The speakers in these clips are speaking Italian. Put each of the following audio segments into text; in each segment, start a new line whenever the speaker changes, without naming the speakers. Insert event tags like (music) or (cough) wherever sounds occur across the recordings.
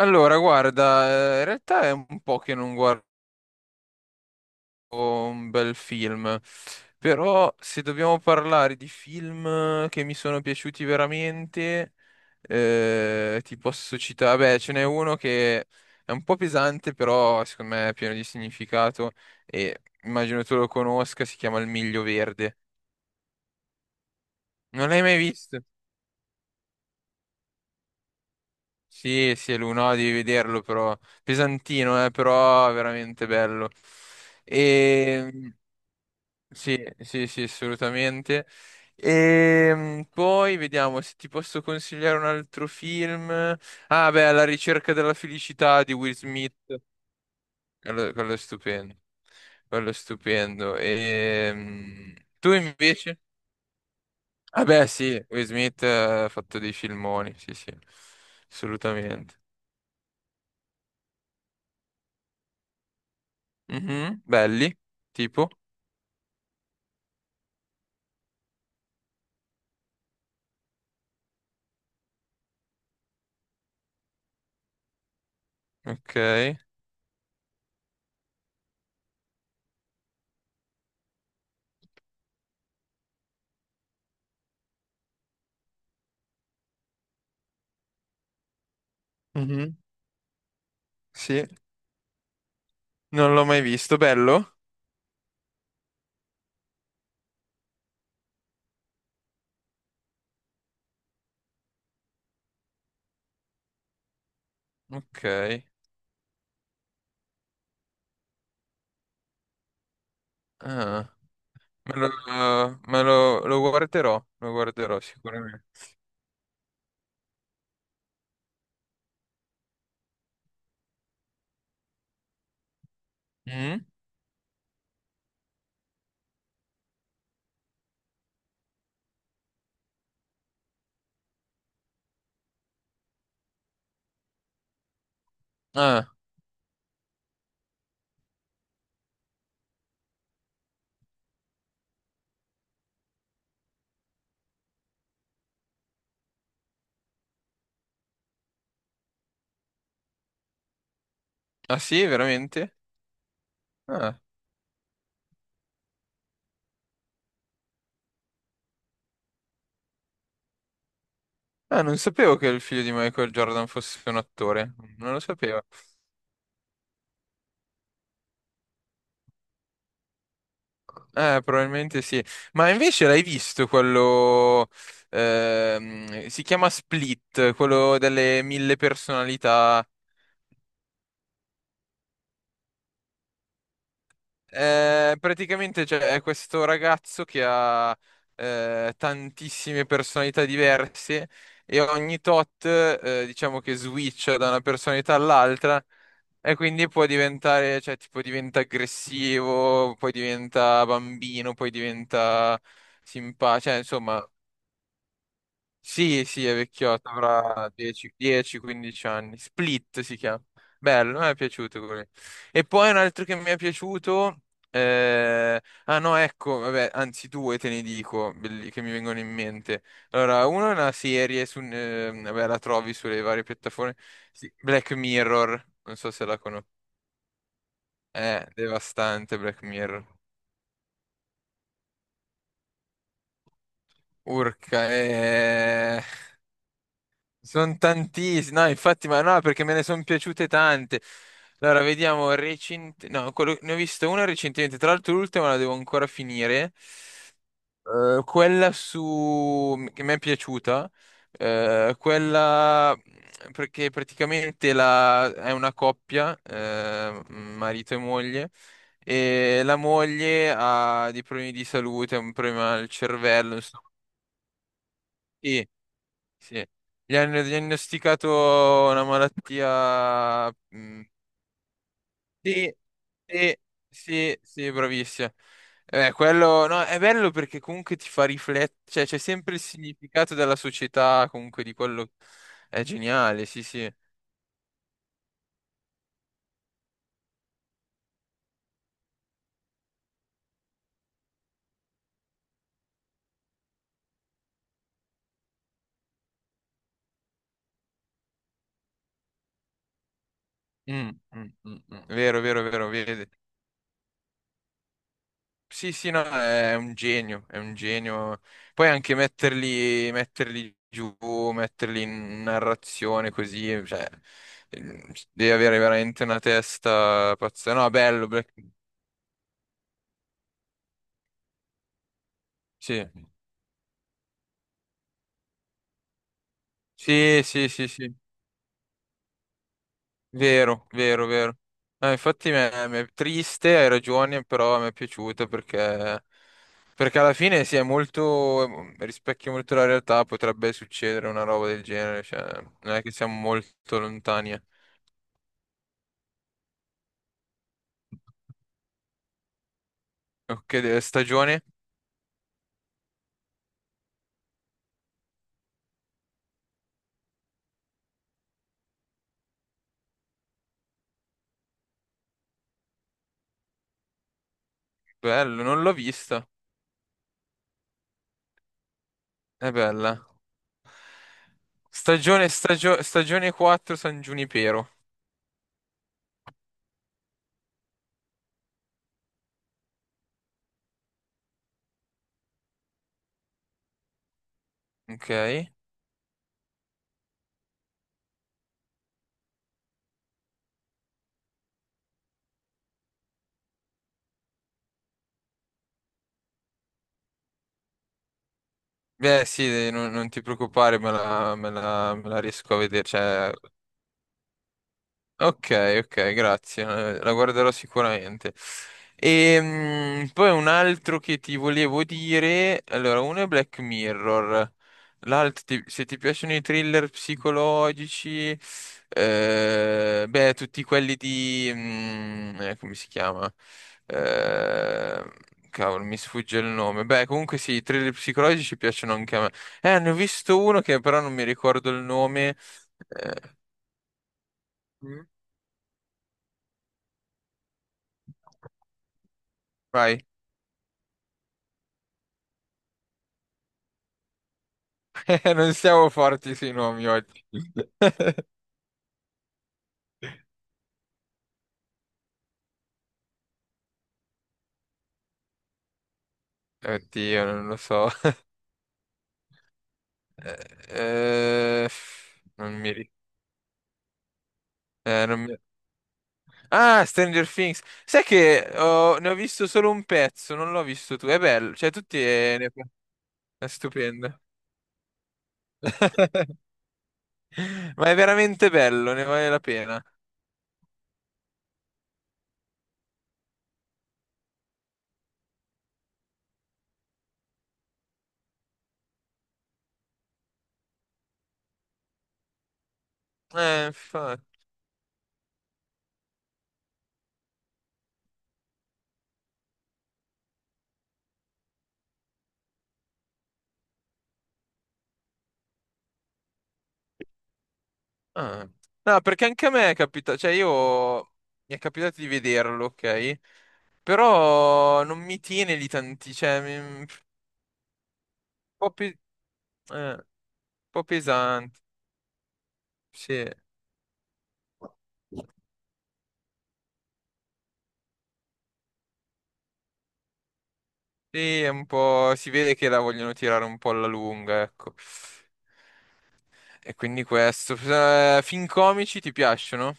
Allora, guarda, in realtà è un po' che non guardo un bel film, però se dobbiamo parlare di film che mi sono piaciuti veramente, ti posso citare, beh, ce n'è uno che è un po' pesante, però secondo me è pieno di significato e immagino tu lo conosca, si chiama Il Miglio Verde. Non l'hai mai visto? Sì, sì, è lui, no, devi vederlo però, pesantino, però veramente bello. E... Sì, sì, sì, assolutamente. E poi vediamo se ti posso consigliare un altro film. Ah, beh, La ricerca della felicità di Will Smith. Quello è stupendo. Quello è stupendo. E tu invece? Ah, beh, sì, Will Smith ha fatto dei filmoni. Sì, sì, assolutamente. Mhm, belli, tipo. Ok. Mhm, sì, non l'ho mai visto. Bello? Ok. Ah. Lo guarderò sicuramente. Mm? Ah, ah sì, veramente? Ah. Ah, non sapevo che il figlio di Michael Jordan fosse un attore, non lo sapevo. Probabilmente sì. Ma invece l'hai visto quello, si chiama Split, quello delle mille personalità. Praticamente c'è è questo ragazzo che ha tantissime personalità diverse e ogni tot, diciamo che switch da una personalità all'altra e quindi può diventare, cioè tipo diventa aggressivo, poi diventa bambino, poi diventa simpatico, cioè insomma sì, sì, è vecchiotto, avrà 10, 10-15 anni. Split si chiama. Bello, mi è piaciuto quello. E poi un altro che mi è piaciuto. eh, Ah no, ecco, vabbè, anzi due te ne dico, che mi vengono in mente. Allora, uno è una serie, vabbè, la trovi sulle varie piattaforme. Sì, Black Mirror, non so se la conosci. Devastante Black Mirror. Urca, sono tantissime, no, infatti, ma no, perché me ne sono piaciute tante. Allora, vediamo, no, ne ho vista una recentemente, tra l'altro l'ultima la devo ancora finire. Quella che mi è piaciuta, quella perché praticamente è una coppia, marito e moglie, e la moglie ha dei problemi di salute, ha un problema al cervello, insomma. Sì. Sì. Gli hanno diagnosticato una malattia. Mm, sì, sì, sì, sì, bravissima. Quello no, è bello perché comunque ti fa riflettere, cioè c'è sempre il significato della società, comunque di quello è geniale, sì, sì. Mm, mm, mm, mm. Vero, vero, vero, vedi. Sì, sì, no, è un genio, è un genio. Poi anche metterli giù, metterli in narrazione così, cioè, eh, devi avere veramente una testa pazza. No, bello, Sì, sì, sì, sì, sì, vero, vero, vero. No, infatti mi è triste, hai ragione, però mi è piaciuta perché alla fine si è molto, rispecchia molto la realtà, potrebbe succedere una roba del genere, cioè, non è che siamo molto lontani. Ok, stagione? Bello, non l'ho vista. È bella. Stagione 4, San Giunipero. Ok. Beh, sì, non ti preoccupare, me la riesco a vedere. Cioè, ok, ok, grazie, la guarderò sicuramente. E poi un altro che ti volevo dire, allora, uno è Black Mirror, l'altro, se ti piacciono i thriller psicologici, beh, tutti quelli di, come si chiama? Eh, cavolo, mi sfugge il nome. Beh, comunque sì, i thriller psicologici piacciono anche a me. Ne ho visto uno che però non mi ricordo il nome. eh, Mm. Vai. (laughs) Non siamo forti sui nomi oggi. (laughs) Oddio, non lo so. Eh, eh, non mi... ri- non mi- Ah, Stranger Things. Sai che ne ho visto solo un pezzo, non l'ho visto tu. È bello, cioè è stupendo. (laughs) Ma è veramente bello, ne vale la pena. Eh, infa- ah. No, perché anche a me è capitato, cioè io mi è capitato di vederlo, ok? Però non mi tiene lì tanti, cioè, mi- po' pe- un po' pesante, sì. Sì, è un po', si vede che la vogliono tirare un po' alla lunga, ecco. E quindi questo. Film comici ti piacciono?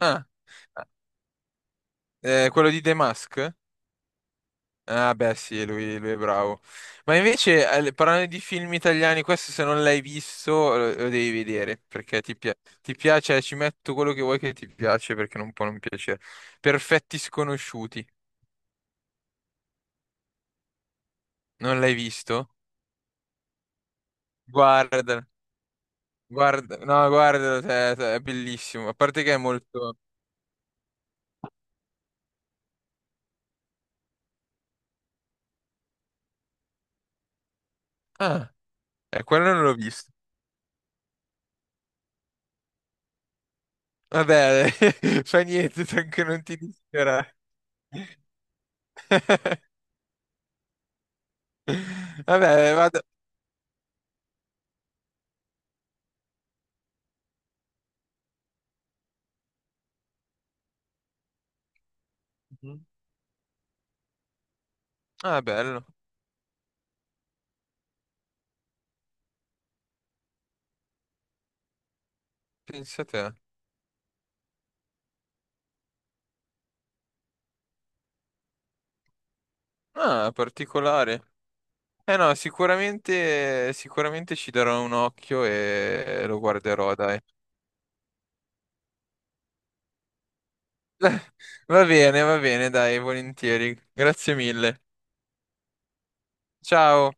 Ah, quello di The Mask? Ah, beh, sì, lui è bravo. Ma invece, parlando di film italiani, questo se non l'hai visto, lo devi vedere, perché ti piace, ci metto quello che vuoi che ti piace, perché non può non piacere. Perfetti sconosciuti, non l'hai visto? Guarda. Guarda, no, guarda, cioè, è bellissimo. A parte che è molto. Ah, quello non l'ho visto. Vabbè, (laughs) fa niente, tanto non ti dispera. (laughs) Vabbè, vado. Mhm. Ah, bello. Pensa a te. Ah, particolare. Eh no, sicuramente, sicuramente ci darò un occhio e lo guarderò, dai. (laughs) Va bene, dai, volentieri. Grazie mille. Ciao.